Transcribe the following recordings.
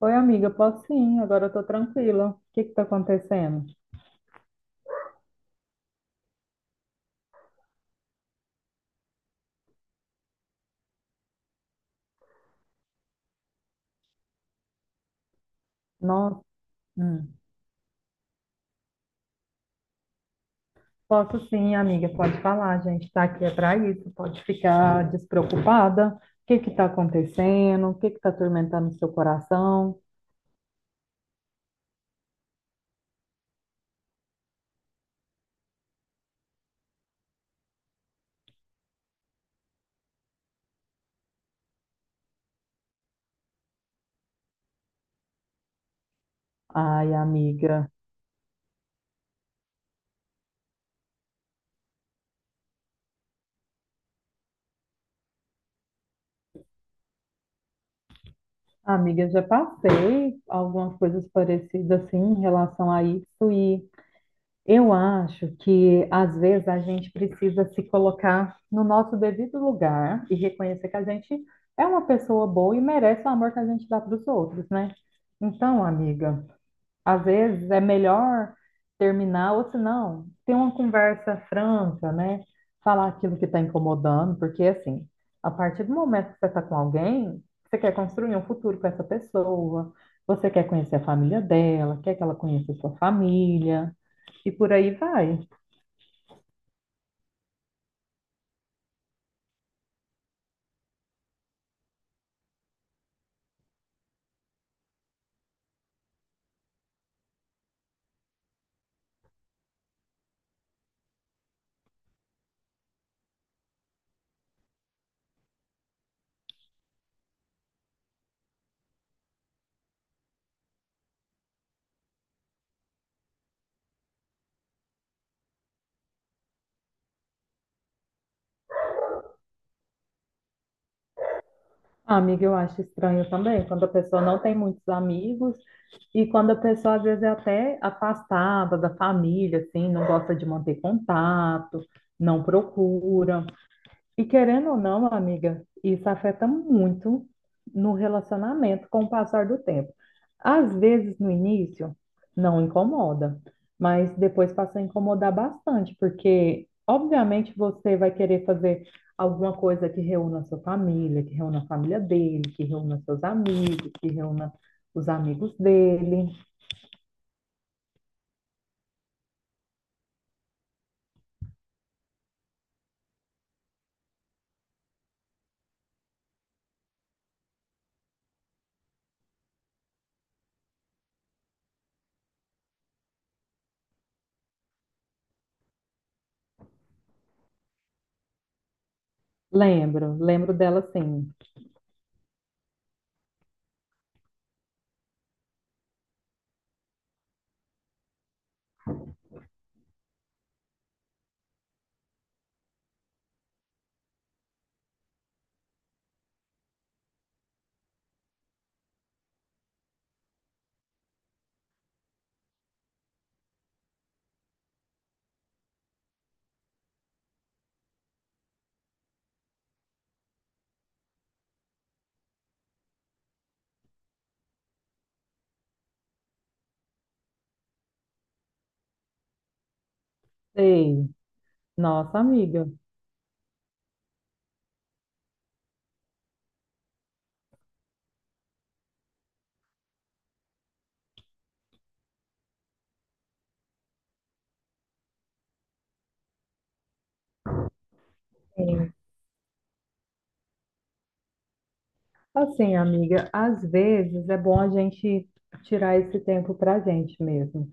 Oi, amiga, posso sim, agora eu tô tranquila. O que que tá acontecendo? Nossa, hum. Posso sim, amiga, pode falar, a gente tá aqui é pra isso, pode ficar despreocupada. O que que tá acontecendo? O que que tá atormentando o seu coração? Ai, amiga, amiga, já passei algumas coisas parecidas assim em relação a isso e eu acho que às vezes a gente precisa se colocar no nosso devido lugar e reconhecer que a gente é uma pessoa boa e merece o amor que a gente dá para os outros, né? Então, amiga. Às vezes é melhor terminar, ou se não, ter uma conversa franca, né? Falar aquilo que está incomodando, porque assim, a partir do momento que você está com alguém, você quer construir um futuro com essa pessoa, você quer conhecer a família dela, quer que ela conheça a sua família, e por aí vai. Ah, amiga, eu acho estranho também, quando a pessoa não tem muitos amigos e quando a pessoa às vezes é até afastada da família, assim, não gosta de manter contato, não procura. E querendo ou não, amiga, isso afeta muito no relacionamento com o passar do tempo. Às vezes, no início, não incomoda, mas depois passa a incomodar bastante, porque, obviamente, você vai querer fazer alguma coisa que reúna a sua família, que reúna a família dele, que reúna seus amigos, que reúna os amigos dele. Lembro, lembro dela sim. Sei, nossa amiga. Assim, amiga, às vezes é bom a gente tirar esse tempo pra gente mesmo.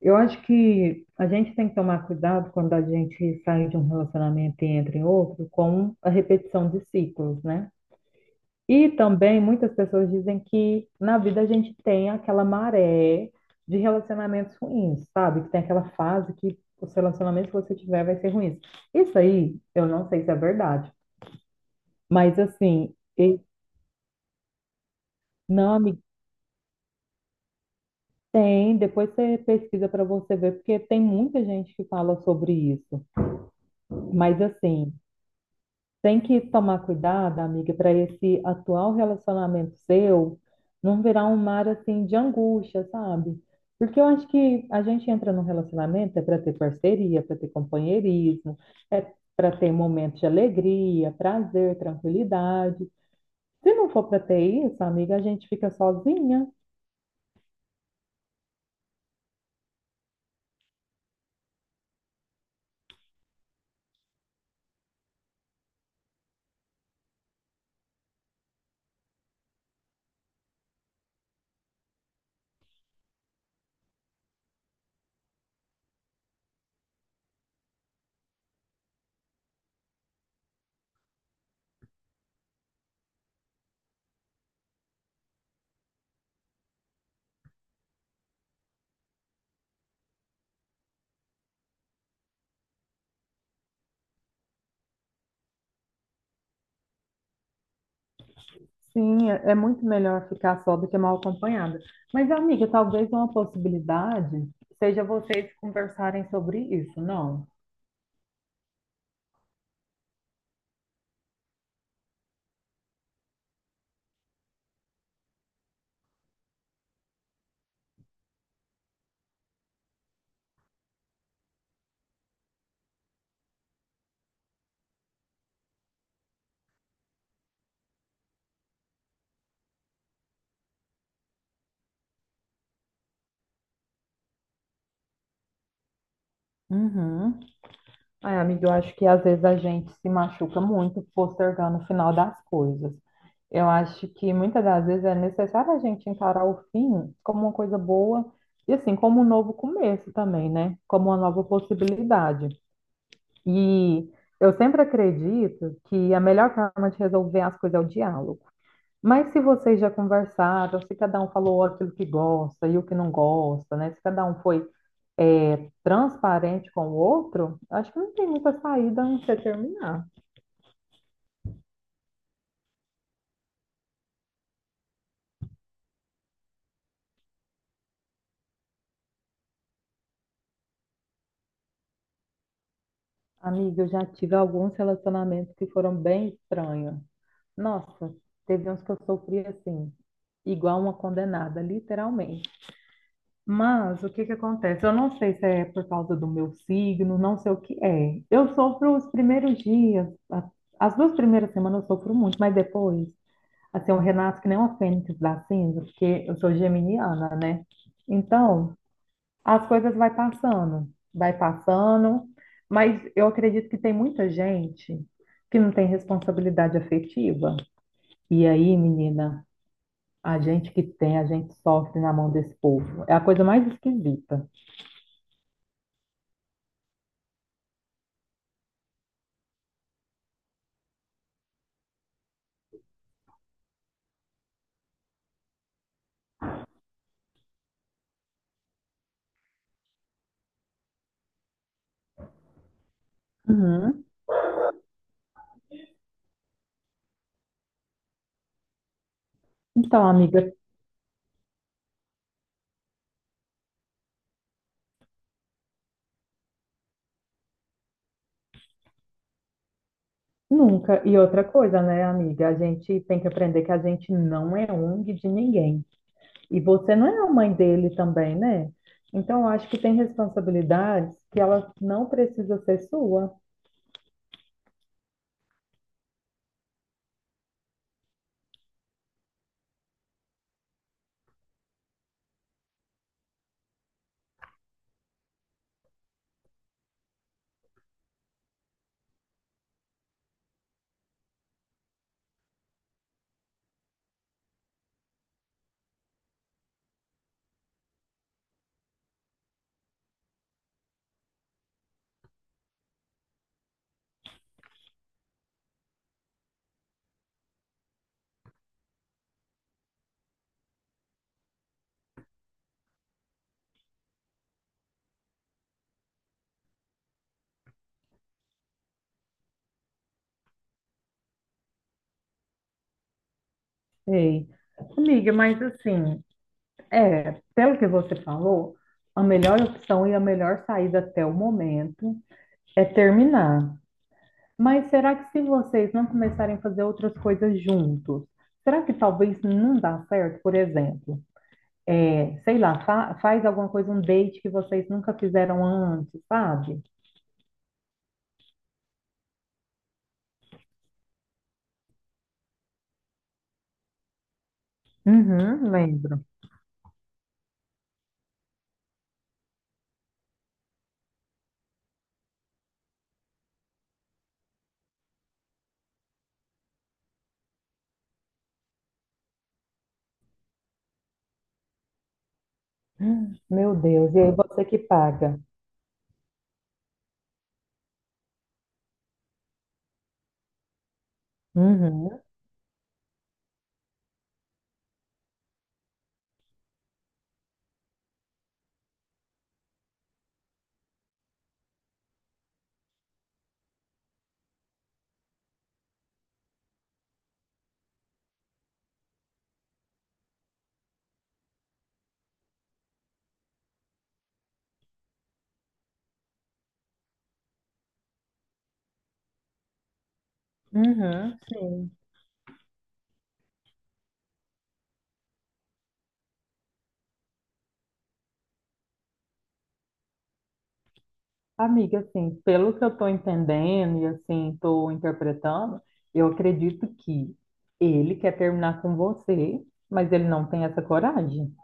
Eu acho que a gente tem que tomar cuidado quando a gente sai de um relacionamento e entra em outro com a repetição de ciclos, né? E também muitas pessoas dizem que na vida a gente tem aquela maré de relacionamentos ruins, sabe? Que tem aquela fase que os relacionamentos que você tiver vai ser ruins. Isso aí, eu não sei se é verdade, mas assim, e- não, amiga. Tem, depois você pesquisa para você ver, porque tem muita gente que fala sobre isso. Mas assim, tem que tomar cuidado, amiga, para esse atual relacionamento seu não virar um mar assim de angústia, sabe? Porque eu acho que a gente entra num relacionamento é para ter parceria, para ter companheirismo, é para ter momentos de alegria, prazer, tranquilidade. Se não for para ter isso, amiga, a gente fica sozinha. Sim, é muito melhor ficar só do que mal acompanhada. Mas, amiga, talvez uma possibilidade seja vocês conversarem sobre isso, não? Uhum. Ai, amiga, eu acho que às vezes a gente se machuca muito postergando o final das coisas. Eu acho que muitas das vezes é necessário a gente encarar o fim como uma coisa boa e, assim, como um novo começo também, né? Como uma nova possibilidade. E eu sempre acredito que a melhor forma de resolver as coisas é o diálogo. Mas se vocês já conversaram, se cada um falou aquilo que gosta e o que não gosta, né? Se cada um foi, é, transparente com o outro, acho que não tem muita saída a não ser terminar. Amiga, eu já tive alguns relacionamentos que foram bem estranhos. Nossa, teve uns que eu sofri assim, igual uma condenada, literalmente. Mas o que que acontece? Eu não sei se é por causa do meu signo, não sei o que é. Eu sofro os primeiros dias, as duas primeiras semanas eu sofro muito, mas depois, assim, eu renasço que nem uma fênix da cinza, porque eu sou geminiana, né? Então, as coisas vai passando, mas eu acredito que tem muita gente que não tem responsabilidade afetiva. E aí, menina, a gente que tem, a gente sofre na mão desse povo. É a coisa mais esquisita. Uhum. Então, amiga, nunca. E outra coisa, né, amiga? A gente tem que aprender que a gente não é ONG de ninguém. E você não é a mãe dele também, né? Então, eu acho que tem responsabilidades que ela não precisa ser sua. Ei, amiga, mas assim, é, pelo que você falou, a melhor opção e a melhor saída até o momento é terminar. Mas será que se vocês não começarem a fazer outras coisas juntos, será que talvez não dá certo, por exemplo? É, sei lá, faz alguma coisa, um date que vocês nunca fizeram antes, sabe? Uhum, lembro. Meu Deus, e aí você que paga. Uhum, uhum, sim. Amiga, assim, pelo que eu estou entendendo e assim, estou interpretando, eu acredito que ele quer terminar com você, mas ele não tem essa coragem.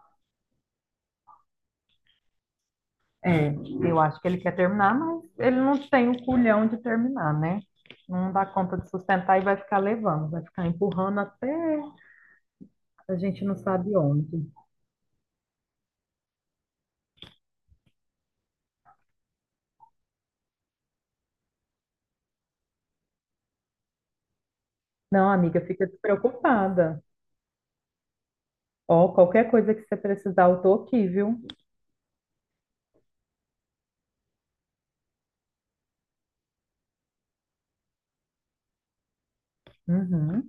É, eu acho que ele quer terminar, mas ele não tem o culhão de terminar, né? Não dá conta de sustentar e vai ficar levando, vai ficar empurrando até a gente não sabe onde. Não, amiga, fica despreocupada. Ó, qualquer coisa que você precisar, eu tô aqui, viu? Uhum.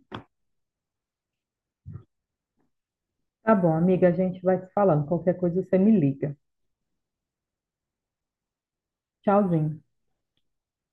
Tá bom, amiga, a gente vai se falando. Qualquer coisa você me liga. Tchauzinho.